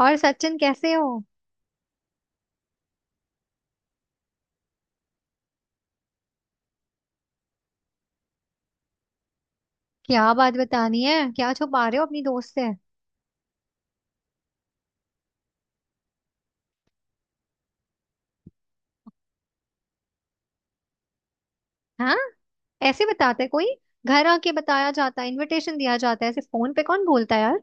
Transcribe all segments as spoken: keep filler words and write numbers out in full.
और सचिन कैसे हो। क्या बात बतानी है, क्या छुपा रहे हो अपनी दोस्त से। हाँ, ऐसे बताता है कोई? घर आके बताया जाता है, इनविटेशन दिया जाता है, ऐसे फोन पे कौन बोलता है यार।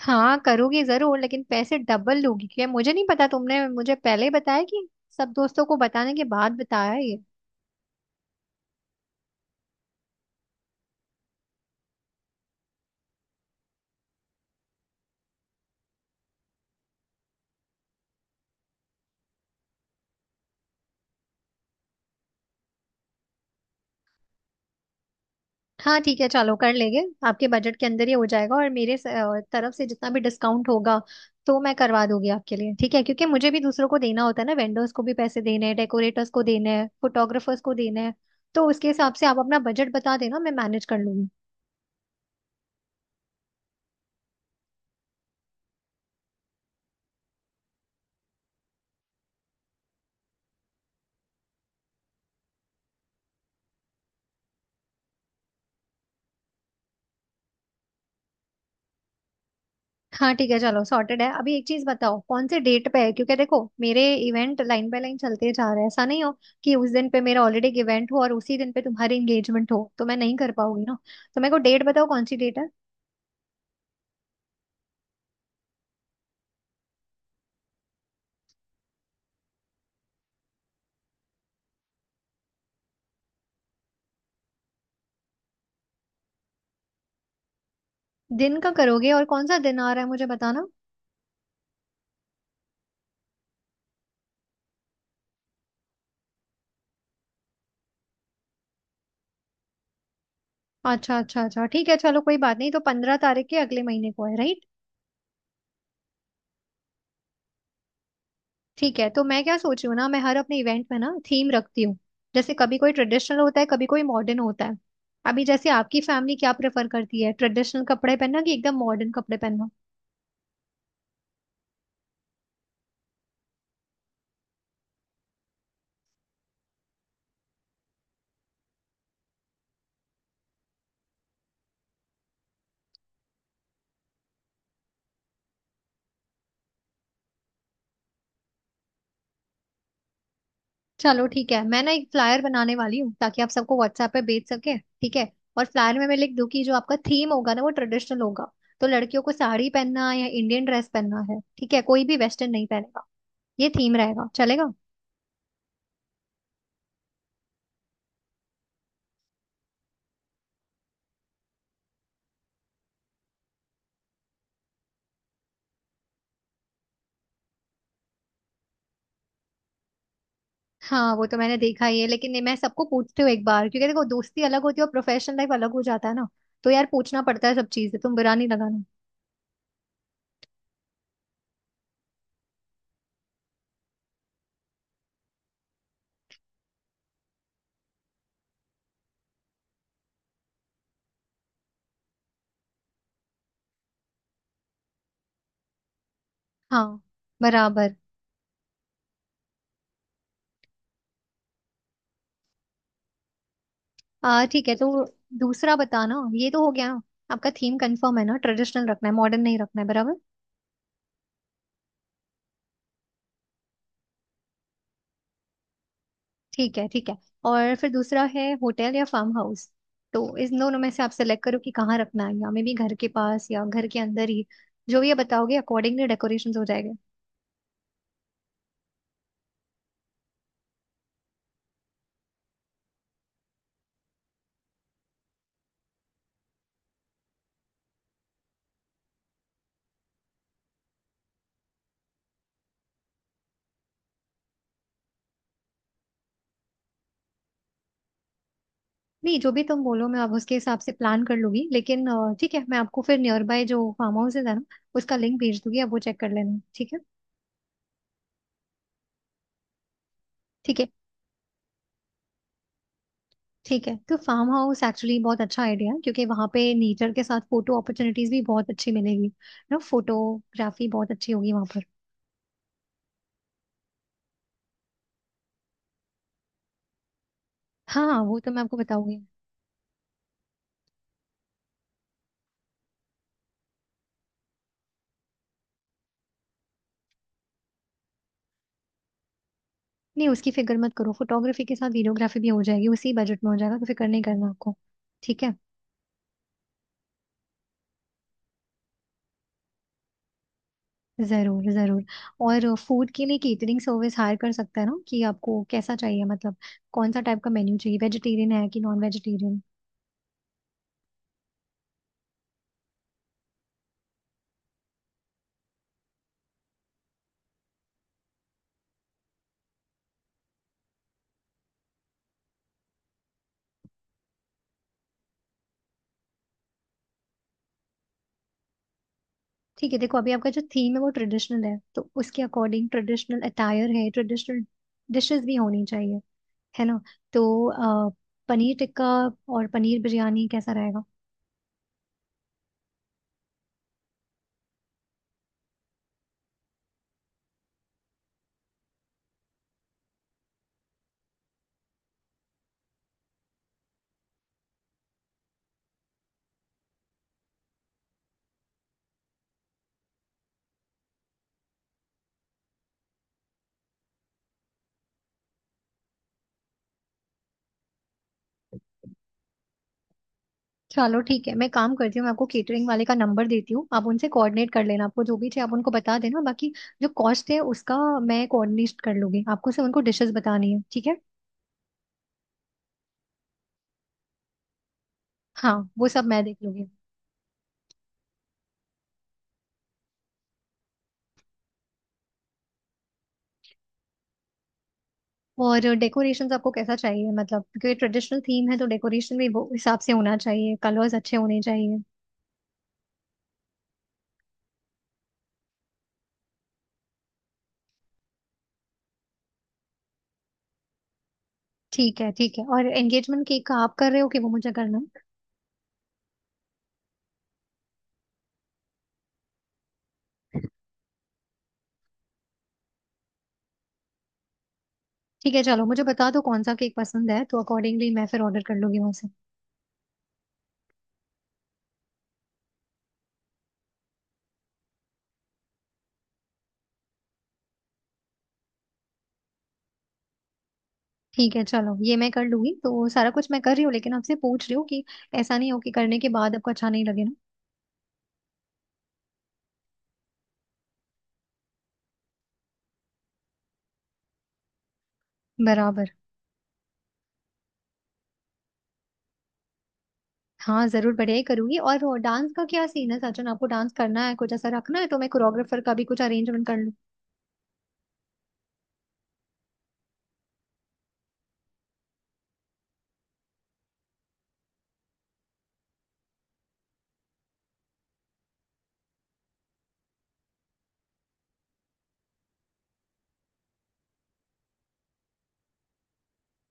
हाँ करूंगी जरूर, लेकिन पैसे डबल लूंगी, क्या मुझे नहीं पता? तुमने मुझे पहले ही बताया कि सब दोस्तों को बताने के बाद बताया है ये। हाँ ठीक है, चलो कर लेंगे। आपके बजट के अंदर ही हो जाएगा, और मेरे स- अ, तरफ से जितना भी डिस्काउंट होगा, तो मैं करवा दूंगी आपके लिए, ठीक है? क्योंकि मुझे भी दूसरों को देना होता है ना, वेंडर्स को भी पैसे देने हैं, डेकोरेटर्स को देने हैं, फोटोग्राफर्स को देने हैं। तो उसके हिसाब से आप अपना बजट बता देना, मैं मैनेज कर लूंगी। हाँ ठीक है, चलो सॉर्टेड है। अभी एक चीज बताओ, कौन से डेट पे है, क्योंकि देखो मेरे इवेंट लाइन बाय लाइन चलते जा रहे हैं। ऐसा नहीं हो कि उस दिन पे मेरा ऑलरेडी इवेंट हो और उसी दिन पे तुम्हारी एंगेजमेंट हो, तो मैं नहीं कर पाऊंगी ना। तो मेरे को डेट बताओ, कौन सी डेट है। दिन का करोगे, और कौन सा दिन आ रहा है मुझे बताना। अच्छा अच्छा अच्छा, ठीक है, चलो कोई बात नहीं। तो पंद्रह तारीख के अगले महीने को है, राइट? ठीक है, तो मैं क्या सोच रही हूँ ना, मैं हर अपने इवेंट में ना थीम रखती हूँ। जैसे कभी कोई ट्रेडिशनल होता है, कभी कोई मॉडर्न होता है। अभी जैसे आपकी फैमिली क्या प्रेफर करती है, ट्रेडिशनल कपड़े पहनना कि एकदम मॉडर्न कपड़े पहनना। चलो ठीक है, मैं ना एक फ्लायर बनाने वाली हूँ ताकि आप सबको व्हाट्सएप पे भेज सके, ठीक है? और फ्लायर में मैं लिख दूँ कि जो आपका थीम होगा ना वो ट्रेडिशनल होगा, तो लड़कियों को साड़ी पहनना या इंडियन ड्रेस पहनना है, ठीक है? कोई भी वेस्टर्न नहीं पहनेगा, ये थीम रहेगा, चलेगा? हाँ वो तो मैंने देखा ही है, लेकिन ये मैं सबको पूछती हूँ एक बार, क्योंकि देखो दोस्ती अलग होती है और प्रोफेशनल लाइफ अलग हो जाता है ना। तो यार पूछना पड़ता है सब चीजें, तुम बुरा नहीं लगाना। हाँ। बराबर। आ ठीक है, तो दूसरा बताना, ये तो हो गया ना। आपका थीम कंफर्म है ना, ट्रेडिशनल रखना है, मॉडर्न नहीं रखना है, बराबर? ठीक है ठीक है। और फिर दूसरा है होटल या फार्म हाउस। तो इस दोनों में से आप सेलेक्ट करो कि कहाँ रखना है, या मे बी घर के पास या घर के अंदर ही। जो भी ये बताओगे अकॉर्डिंगली डेकोरेशन हो जाएगा। नहीं, जो भी तुम बोलो मैं अब उसके हिसाब से प्लान कर लूंगी, लेकिन अ, ठीक है, मैं आपको फिर नियर बाय जो फार्म हाउस है ना उसका लिंक भेज दूंगी, आप वो चेक कर लेना, ठीक है? ठीक है। ठीक है तो फार्म हाउस एक्चुअली बहुत अच्छा आइडिया है, क्योंकि वहां पे नेचर के साथ फोटो अपॉर्चुनिटीज भी बहुत अच्छी मिलेगी ना, फोटोग्राफी बहुत अच्छी होगी वहां पर। हाँ हाँ, वो तो मैं आपको बताऊंगी। नहीं उसकी फिक्र मत करो, फोटोग्राफी के साथ वीडियोग्राफी भी हो जाएगी, उसी बजट में हो जाएगा, तो फिक्र नहीं करना आपको। ठीक है। जरूर जरूर। और फूड के लिए केटरिंग सर्विस हायर कर सकता है ना, कि आपको कैसा चाहिए, मतलब कौन सा टाइप का मेन्यू चाहिए, वेजिटेरियन है कि नॉन वेजिटेरियन। ठीक है देखो, अभी आपका जो थीम है वो ट्रेडिशनल है, तो उसके अकॉर्डिंग ट्रेडिशनल अटायर है, ट्रेडिशनल डिशेस भी होनी चाहिए, है ना? तो अ, पनीर टिक्का और पनीर बिरयानी कैसा रहेगा? चलो ठीक है, मैं काम करती हूँ। मैं आपको केटरिंग वाले का नंबर देती हूँ, आप उनसे कोऑर्डिनेट कर लेना, आपको जो भी चाहिए आप उनको बता देना। बाकी जो कॉस्ट है उसका मैं कोऑर्डिनेट कर लूंगी, आपको सिर्फ उनको डिशेस बतानी है, ठीक है? हाँ वो सब मैं देख लूंगी। और डेकोरेशंस आपको कैसा चाहिए, मतलब क्योंकि ट्रेडिशनल थीम है तो डेकोरेशन भी वो हिसाब से होना चाहिए, कलर्स अच्छे होने चाहिए। ठीक है ठीक है। और एंगेजमेंट केक का आप कर रहे हो कि वो मुझे करना है? ठीक है चलो, मुझे बता दो कौन सा केक पसंद है, तो अकॉर्डिंगली मैं फिर ऑर्डर कर लूंगी वहां से। ठीक है चलो ये मैं कर लूंगी। तो सारा कुछ मैं कर रही हूँ, लेकिन आपसे पूछ रही हूँ कि ऐसा नहीं हो कि करने के बाद आपको अच्छा नहीं लगे ना। बराबर। हाँ जरूर, बढ़िया ही करूंगी। और वो डांस का क्या सीन है सचिन, आपको डांस करना है कुछ, ऐसा रखना है तो मैं कोरियोग्राफर का भी कुछ अरेंजमेंट कर लूँ।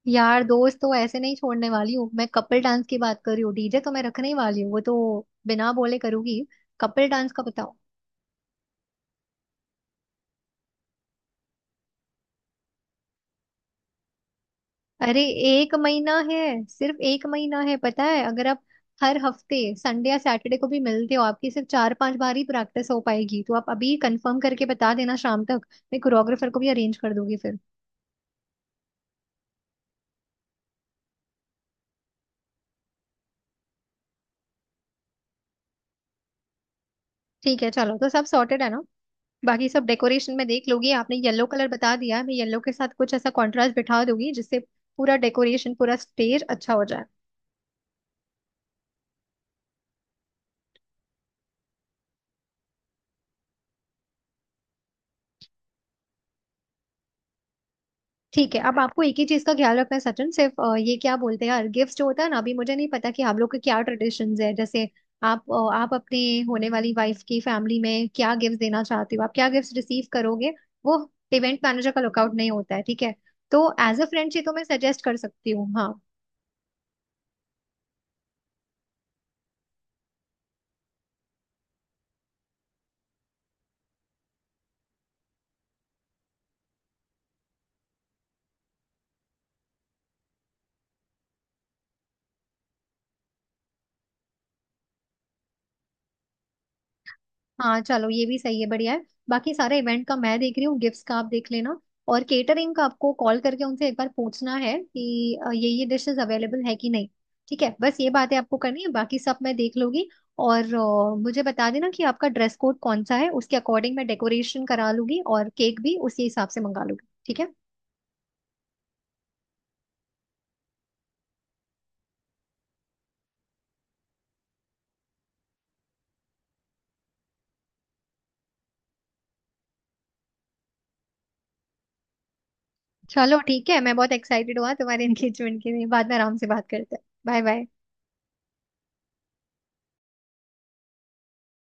यार दोस्त तो ऐसे नहीं छोड़ने वाली हूँ मैं, कपल डांस की बात कर रही हूँ। डीजे तो मैं रखने ही वाली हूँ, वो तो बिना बोले करूंगी। कपल डांस का बताओ। अरे, एक महीना है, सिर्फ एक महीना है पता है? अगर आप हर हफ्ते संडे या सैटरडे को भी मिलते हो, आपकी सिर्फ चार पांच बार ही प्रैक्टिस हो पाएगी। तो आप अभी कंफर्म करके बता देना शाम तक, मैं कोरियोग्राफर को भी अरेंज कर दूंगी फिर। ठीक है चलो, तो सब सॉर्टेड है ना। बाकी सब डेकोरेशन में देख लोगी, आपने येलो कलर बता दिया है, मैं येलो के साथ कुछ ऐसा कॉन्ट्रास्ट बिठा दूंगी जिससे पूरा डेकोरेशन, पूरा स्टेज अच्छा हो जाए। ठीक है, अब आपको एक ही चीज का ख्याल रखना है सचिन, सिर्फ अ, ये क्या बोलते हैं यार, गिफ्ट जो होता है ना, अभी मुझे नहीं पता कि आप लोग के क्या ट्रेडिशंस है। जैसे आप अ, आप अपने होने वाली वाइफ की फैमिली में क्या गिफ्ट देना चाहते हो, आप क्या गिफ्ट रिसीव करोगे, वो इवेंट मैनेजर का लुकआउट नहीं होता है, ठीक है? तो एज अ फ्रेंड ये तो मैं सजेस्ट कर सकती हूँ। हाँ हाँ चलो, ये भी सही है, बढ़िया है। बाकी सारे इवेंट का मैं देख रही हूँ, गिफ्ट्स का आप देख लेना। और केटरिंग का आपको कॉल करके उनसे एक बार पूछना है कि अ, ये ये डिशेस अवेलेबल है कि नहीं। ठीक है, बस ये बातें आपको करनी है, बाकी सब मैं देख लूंगी। और अ, मुझे बता देना कि आपका ड्रेस कोड कौन सा है, उसके अकॉर्डिंग मैं डेकोरेशन करा लूंगी और केक भी उसी हिसाब से मंगा लूंगी, ठीक है? चलो ठीक है, मैं बहुत एक्साइटेड हुआ तुम्हारे एंगेजमेंट के लिए, बाद में आराम से बात करते हैं, बाय बाय।